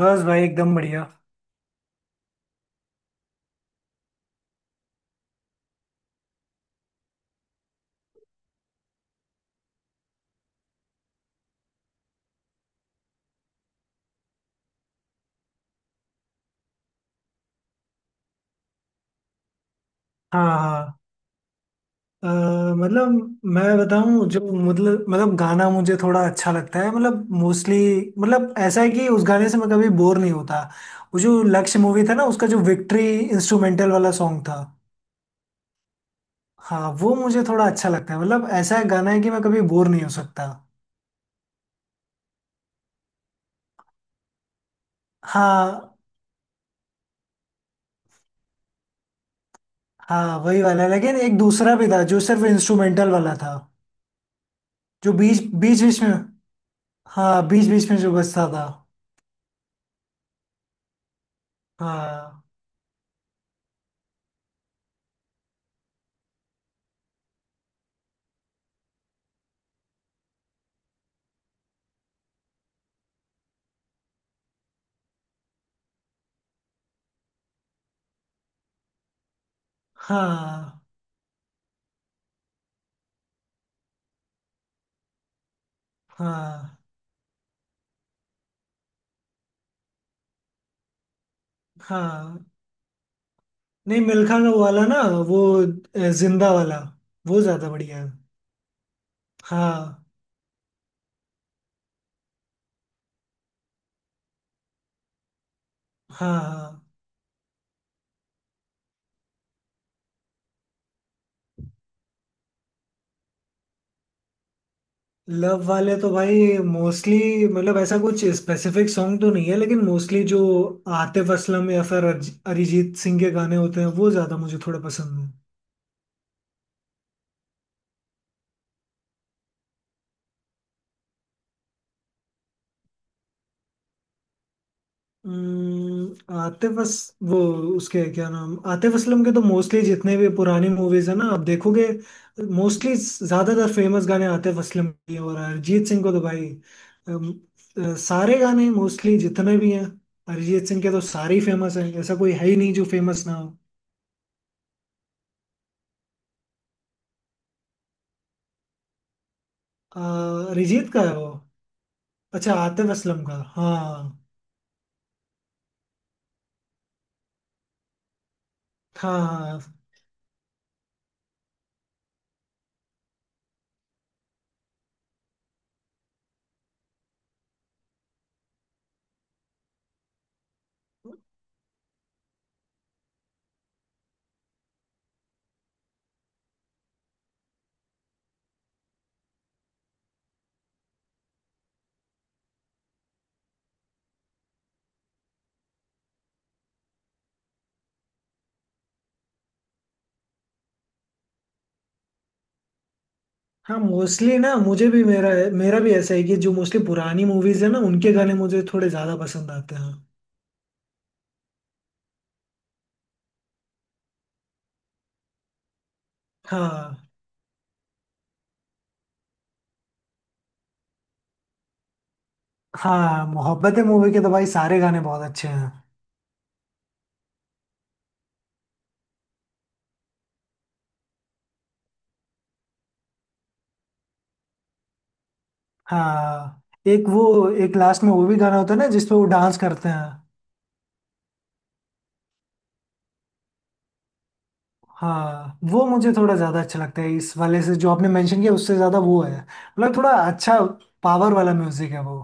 बस भाई एकदम बढ़िया। हाँ हाँ। अ, मतलब मैं बताऊं जो, मतलब गाना मुझे थोड़ा अच्छा लगता है, मतलब मोस्टली। मतलब ऐसा है कि उस गाने से मैं कभी बोर नहीं होता। वो जो लक्ष्य मूवी था ना, उसका जो विक्ट्री इंस्ट्रूमेंटल वाला सॉन्ग था, हाँ वो मुझे थोड़ा अच्छा लगता है। मतलब ऐसा है, गाना है कि मैं कभी बोर नहीं हो सकता। हाँ हाँ, वही वाला, लेकिन एक दूसरा भी था जो सिर्फ इंस्ट्रूमेंटल वाला था। जो बीच बीच बीच में। हाँ, बीच बीच में जो बजता था। हाँ। हाँ। हाँ। हाँ, नहीं, मिल्खा का वाला ना, वो जिंदा वाला, वो ज्यादा बढ़िया है। हाँ। हाँ। हाँ, लव वाले तो भाई मोस्टली, मतलब ऐसा कुछ स्पेसिफिक सॉन्ग तो नहीं है, लेकिन मोस्टली जो आतिफ असलम या फिर अरिजीत सिंह के गाने होते हैं वो ज्यादा मुझे थोड़ा पसंद है। आतिफ अस, वो, उसके क्या नाम, आतिफ असलम के तो मोस्टली जितने भी पुरानी मूवीज है ना आप देखोगे, मोस्टली ज्यादातर फेमस गाने आतिफ असलम के हैं। और अरिजीत सिंह को तो भाई अम, सारे गाने मोस्टली जितने भी हैं, अरिजीत सिंह के तो सारे ही फेमस हैं, ऐसा कोई है ही नहीं जो फेमस ना हो। अ, अरिजीत का है वो। अच्छा, आतिफ असलम का, हाँ। हाँ हाँ। हाँ मोस्टली ना मुझे भी, मेरा मेरा भी ऐसा है कि जो मोस्टली पुरानी मूवीज है ना उनके गाने मुझे थोड़े ज्यादा पसंद आते हैं। हाँ। हाँ, मोहब्बतें मूवी के तो भाई सारे गाने बहुत अच्छे हैं। हाँ, एक वो एक लास्ट में वो भी गाना होता है ना जिसपे वो डांस करते हैं। हाँ वो मुझे थोड़ा ज्यादा अच्छा लगता है, इस वाले से जो आपने मेंशन किया उससे ज्यादा वो है, मतलब थोड़ा अच्छा पावर वाला म्यूजिक है वो।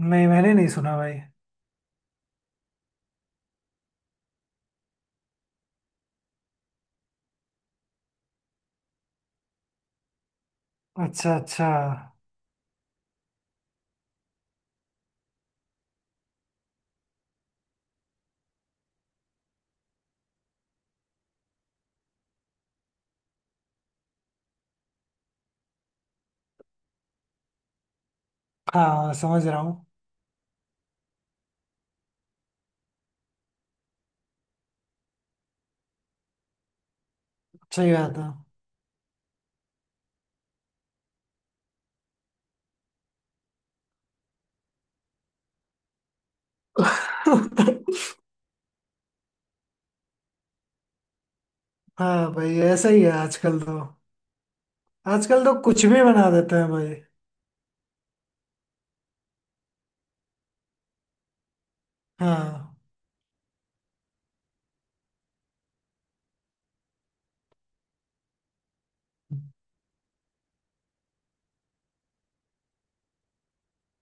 नहीं, मैंने नहीं सुना भाई। अच्छा अच्छा। हाँ समझ रहा हूँ। सही बात है। हाँ भाई ऐसा ही है आजकल तो। आजकल तो कुछ भी बना देते हैं भाई। हाँ।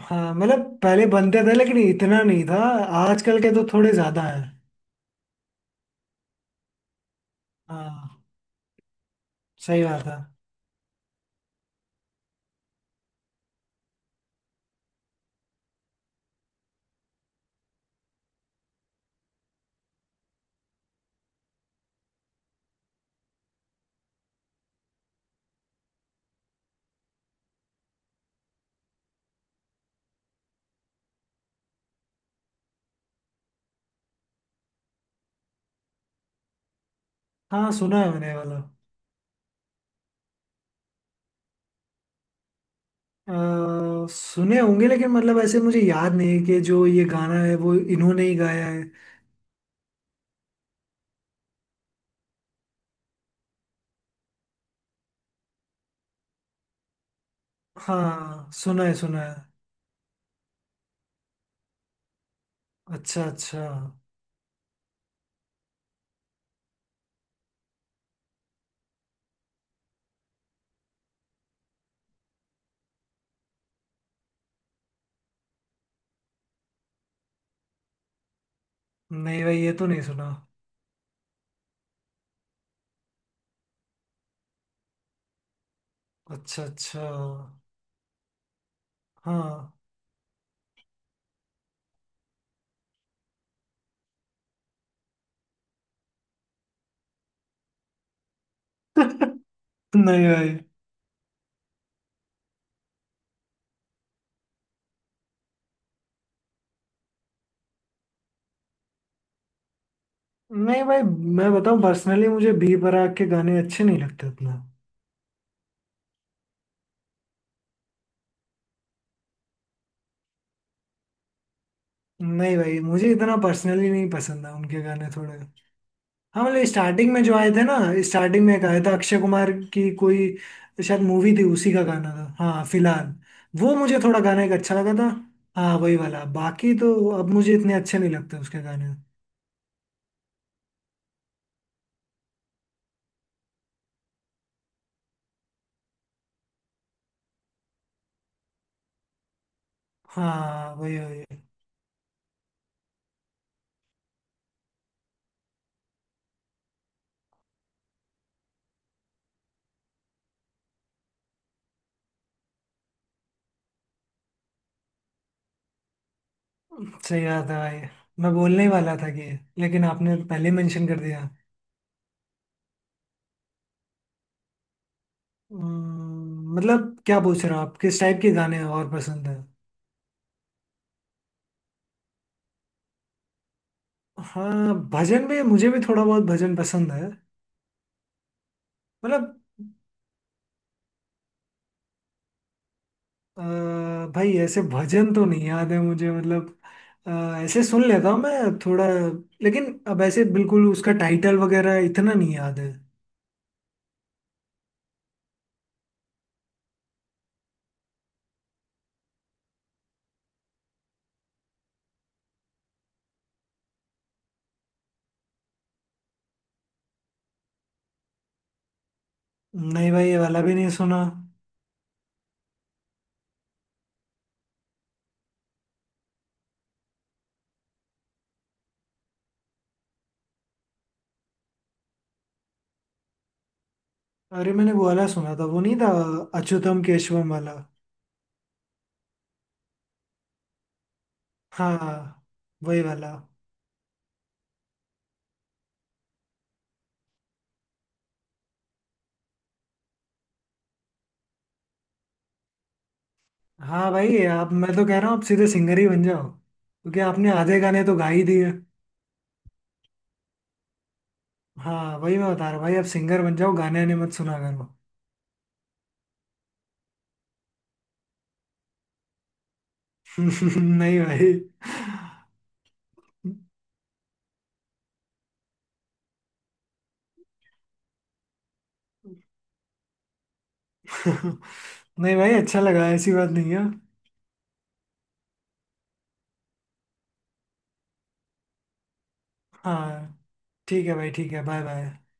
हाँ मतलब पहले बनते थे लेकिन इतना नहीं था, आजकल के तो थोड़े ज्यादा है। हाँ। सही बात है। हाँ सुना है मैंने ये वाला। सुने होंगे, लेकिन मतलब ऐसे मुझे याद नहीं है कि जो ये गाना है वो इन्होंने ही गाया है। हाँ सुना है, सुना है। अच्छा अच्छा। नहीं भाई, ये तो नहीं सुना। अच्छा अच्छा। हाँ। नहीं भाई। नहीं भाई, मैं बताऊं, पर्सनली मुझे बी बराक के गाने अच्छे नहीं लगते उतना। नहीं भाई, मुझे इतना पर्सनली नहीं पसंद है उनके गाने थोड़े। हाँ मतलब स्टार्टिंग में जो आए थे ना, स्टार्टिंग में एक आया था अक्षय कुमार की कोई शायद मूवी थी, उसी का गाना था, हाँ, फिलहाल। वो मुझे थोड़ा गाना एक अच्छा लगा था। हाँ वही वाला, बाकी तो अब मुझे इतने अच्छे नहीं लगते उसके गाने। हाँ वही वही। सही बात है भाई, मैं बोलने ही वाला था कि, लेकिन आपने पहले मेंशन कर दिया। मतलब क्या पूछ रहे हो आप, किस टाइप के गाने और पसंद है? हाँ, भजन में मुझे भी थोड़ा बहुत भजन पसंद है। मतलब अ, भाई ऐसे भजन तो नहीं याद है मुझे, मतलब अ, ऐसे सुन लेता हूँ मैं थोड़ा, लेकिन अब ऐसे बिल्कुल उसका टाइटल वगैरह इतना नहीं याद है। नहीं भाई, ये वाला भी नहीं सुना। अरे, मैंने वो वाला सुना था, वो नहीं था अच्युतम केशवम वाला? हाँ वही वाला। हाँ भाई, आप, मैं तो कह रहा हूँ आप सीधे सिंगर ही बन जाओ, क्योंकि आपने आधे गाने तो गा ही दिए। हाँ वही मैं बता रहा हूँ भाई, आप सिंगर बन जाओ, गाने आने मत सुना करो। नहीं भाई। नहीं भाई, अच्छा लगा, ऐसी बात नहीं है। हाँ ठीक है भाई, ठीक है, बाय बाय।